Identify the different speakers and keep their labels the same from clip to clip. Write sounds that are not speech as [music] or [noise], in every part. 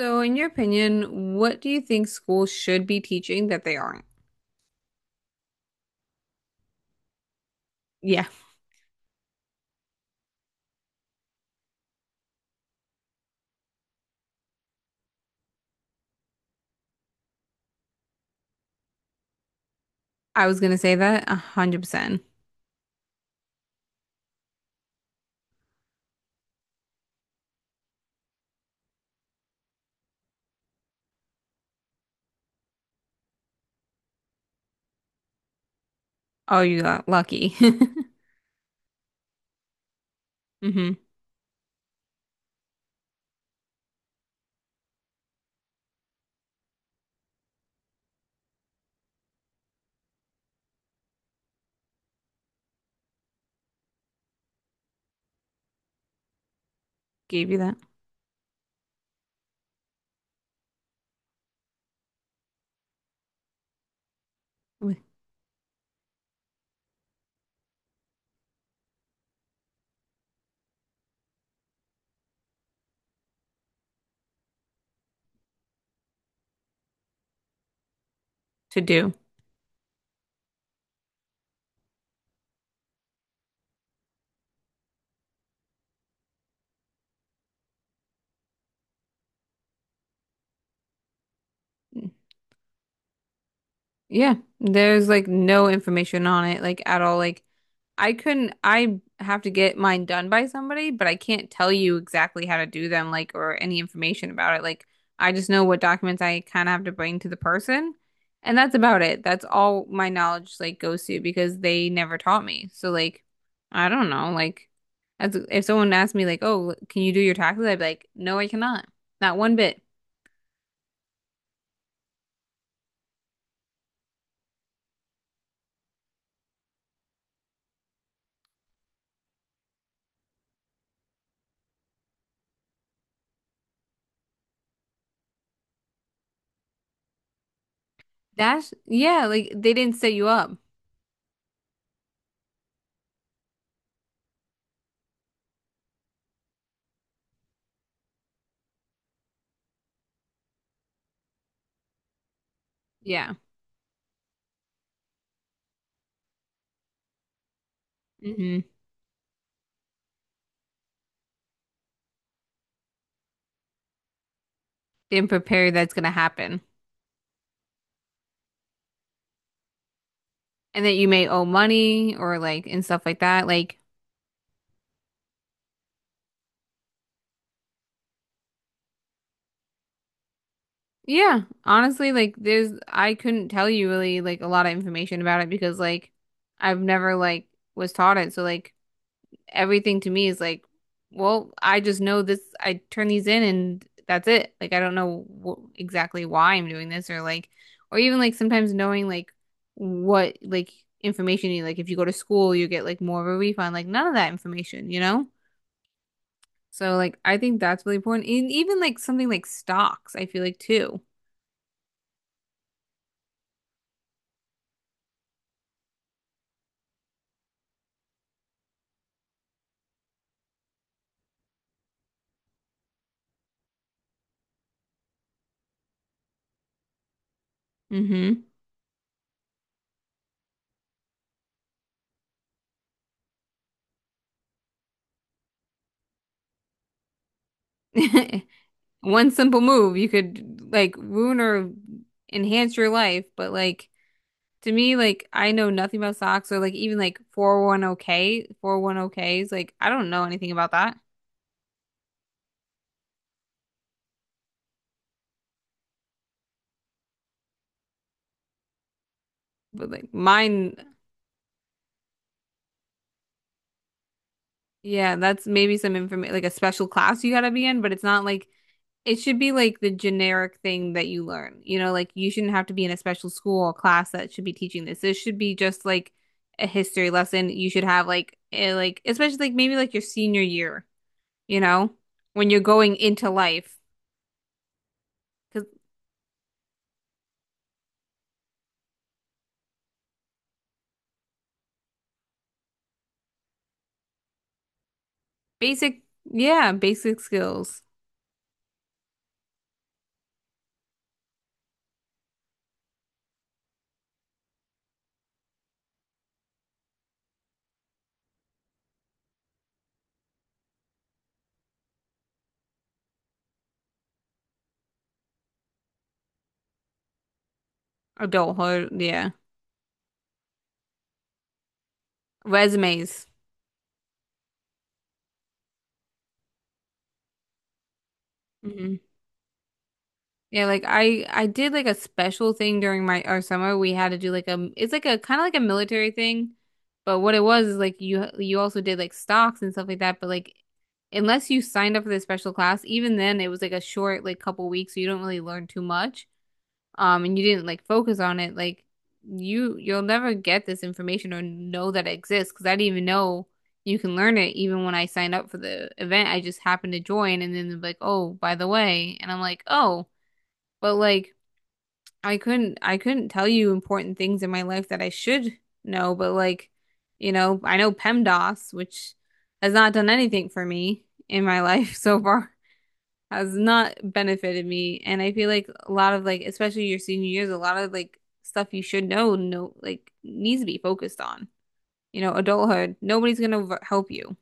Speaker 1: So, in your opinion, what do you think schools should be teaching that they aren't? Yeah, I was gonna say that 100%. Oh, you got lucky. [laughs] Hmm. Gave you that to do. Yeah, there's like no information on it, like at all. Like I couldn't, I have to get mine done by somebody, but I can't tell you exactly how to do them, like, or any information about it. Like, I just know what documents I kind of have to bring to the person, and that's about it. That's all my knowledge, like, goes to because they never taught me. So, like, I don't know. Like, as if someone asked me, like, oh, can you do your taxes? I'd be like, no, I cannot. Not one bit. That's, yeah, like, they didn't set you up. Yeah. Hmm. Didn't prepare you that's gonna happen. And that you may owe money or like and stuff like that. Like, yeah, honestly, like there's I couldn't tell you really like a lot of information about it because like I've never like was taught it. So like everything to me is like, well, I just know this. I turn these in and that's it. Like I don't know wh exactly why I'm doing this or like or even like sometimes knowing like what like information you like if you go to school you get like more of a refund. Like none of that information, you know? So like I think that's really important. And even like something like stocks, I feel like too. Hmm. [laughs] One simple move, you could like ruin or enhance your life. But like to me, like I know nothing about stocks or like even like 401k, 401ks, like I don't know anything about that. But like mine, yeah, that's maybe some information like a special class you gotta be in, but it's not like it should be like the generic thing that you learn. You know, like you shouldn't have to be in a special school or class that should be teaching this. This should be just like a history lesson. You should have like like especially like maybe like your senior year, you know, when you're going into life. 'Cause basic, yeah, basic skills, adulthood, yeah. Resumes. Mhm. Yeah, like I did like a special thing during my our summer. We had to do like a it's like a kind of like a military thing, but what it was is like you also did like stocks and stuff like that. But like unless you signed up for the special class, even then it was like a short like couple weeks, so you don't really learn too much. And you didn't like focus on it. Like you'll never get this information or know that it exists because I didn't even know you can learn it even when I signed up for the event. I just happened to join and then they're like, oh, by the way, and I'm like, oh. But like I couldn't tell you important things in my life that I should know, but like, you know, I know PEMDAS, which has not done anything for me in my life [laughs] so far, has not benefited me. And I feel like a lot of like, especially your senior years, a lot of like stuff you should know, no, like needs to be focused on. You know, adulthood, nobody's gonna help you.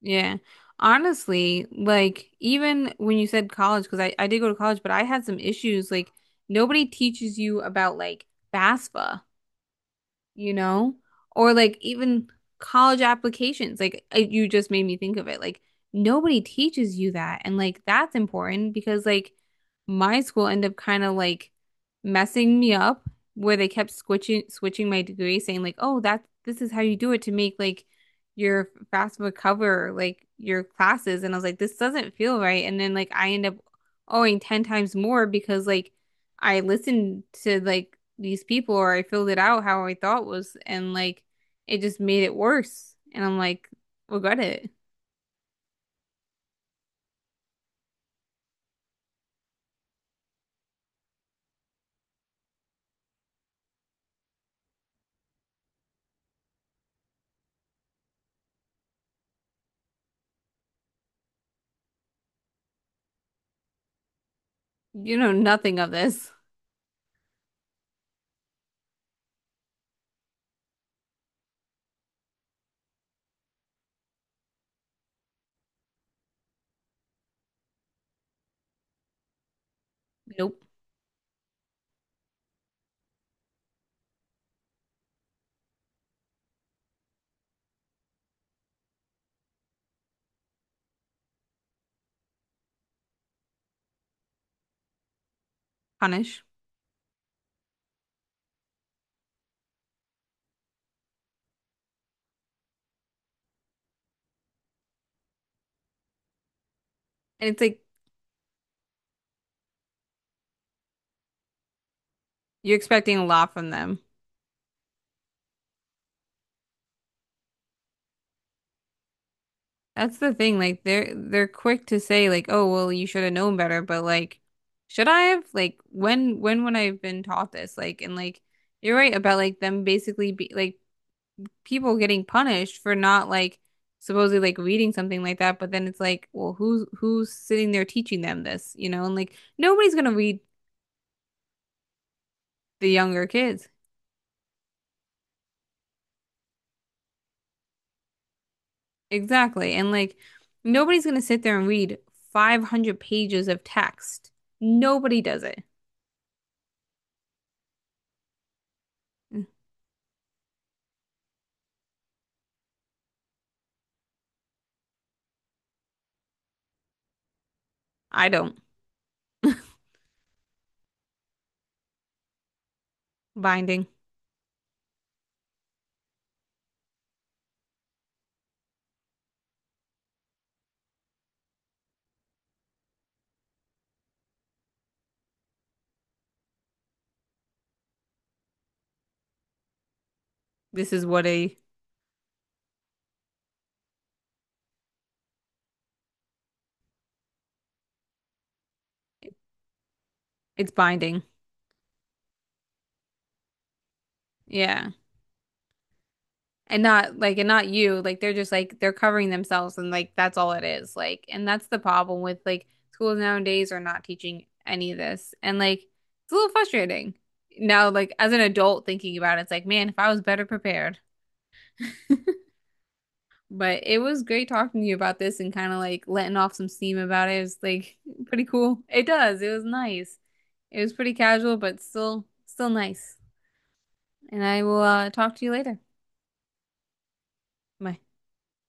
Speaker 1: Yeah. Honestly, like even when you said college, because I did go to college, but I had some issues. Like nobody teaches you about like FAFSA, you know? Or like even college applications. Like you just made me think of it. Like nobody teaches you that. And like that's important because like my school ended up kind of like messing me up where they kept switching my degree saying like, "Oh, that this is how you do it to make like your FAFSA cover like your classes." And I was like, "This doesn't feel right." And then like I end up owing 10 times more because like I listened to like these people or I filled it out how I thought was and like it just made it worse. And I'm like, regret it. You know nothing of this. Nope. Punish. And it's like you're expecting a lot from them. That's the thing. Like they're quick to say like, oh well you should have known better, but like should I have? Like when would I have been taught this? Like and like you're right about like them basically be like people getting punished for not like supposedly like reading something like that, but then it's like, well, who's sitting there teaching them this, you know? And like nobody's gonna read the younger kids. Exactly. And like nobody's gonna sit there and read 500 pages of text. Nobody does it. I don't. Binding. This is what a it's binding. Yeah. And not like and not you like they're just like they're covering themselves and like that's all it is like and that's the problem with like schools nowadays are not teaching any of this and like it's a little frustrating now like as an adult thinking about it it's like man if I was better prepared [laughs] but it was great talking to you about this and kind of like letting off some steam about it it was like pretty cool it does it was nice it was pretty casual but still nice and I will talk to you later. Bye.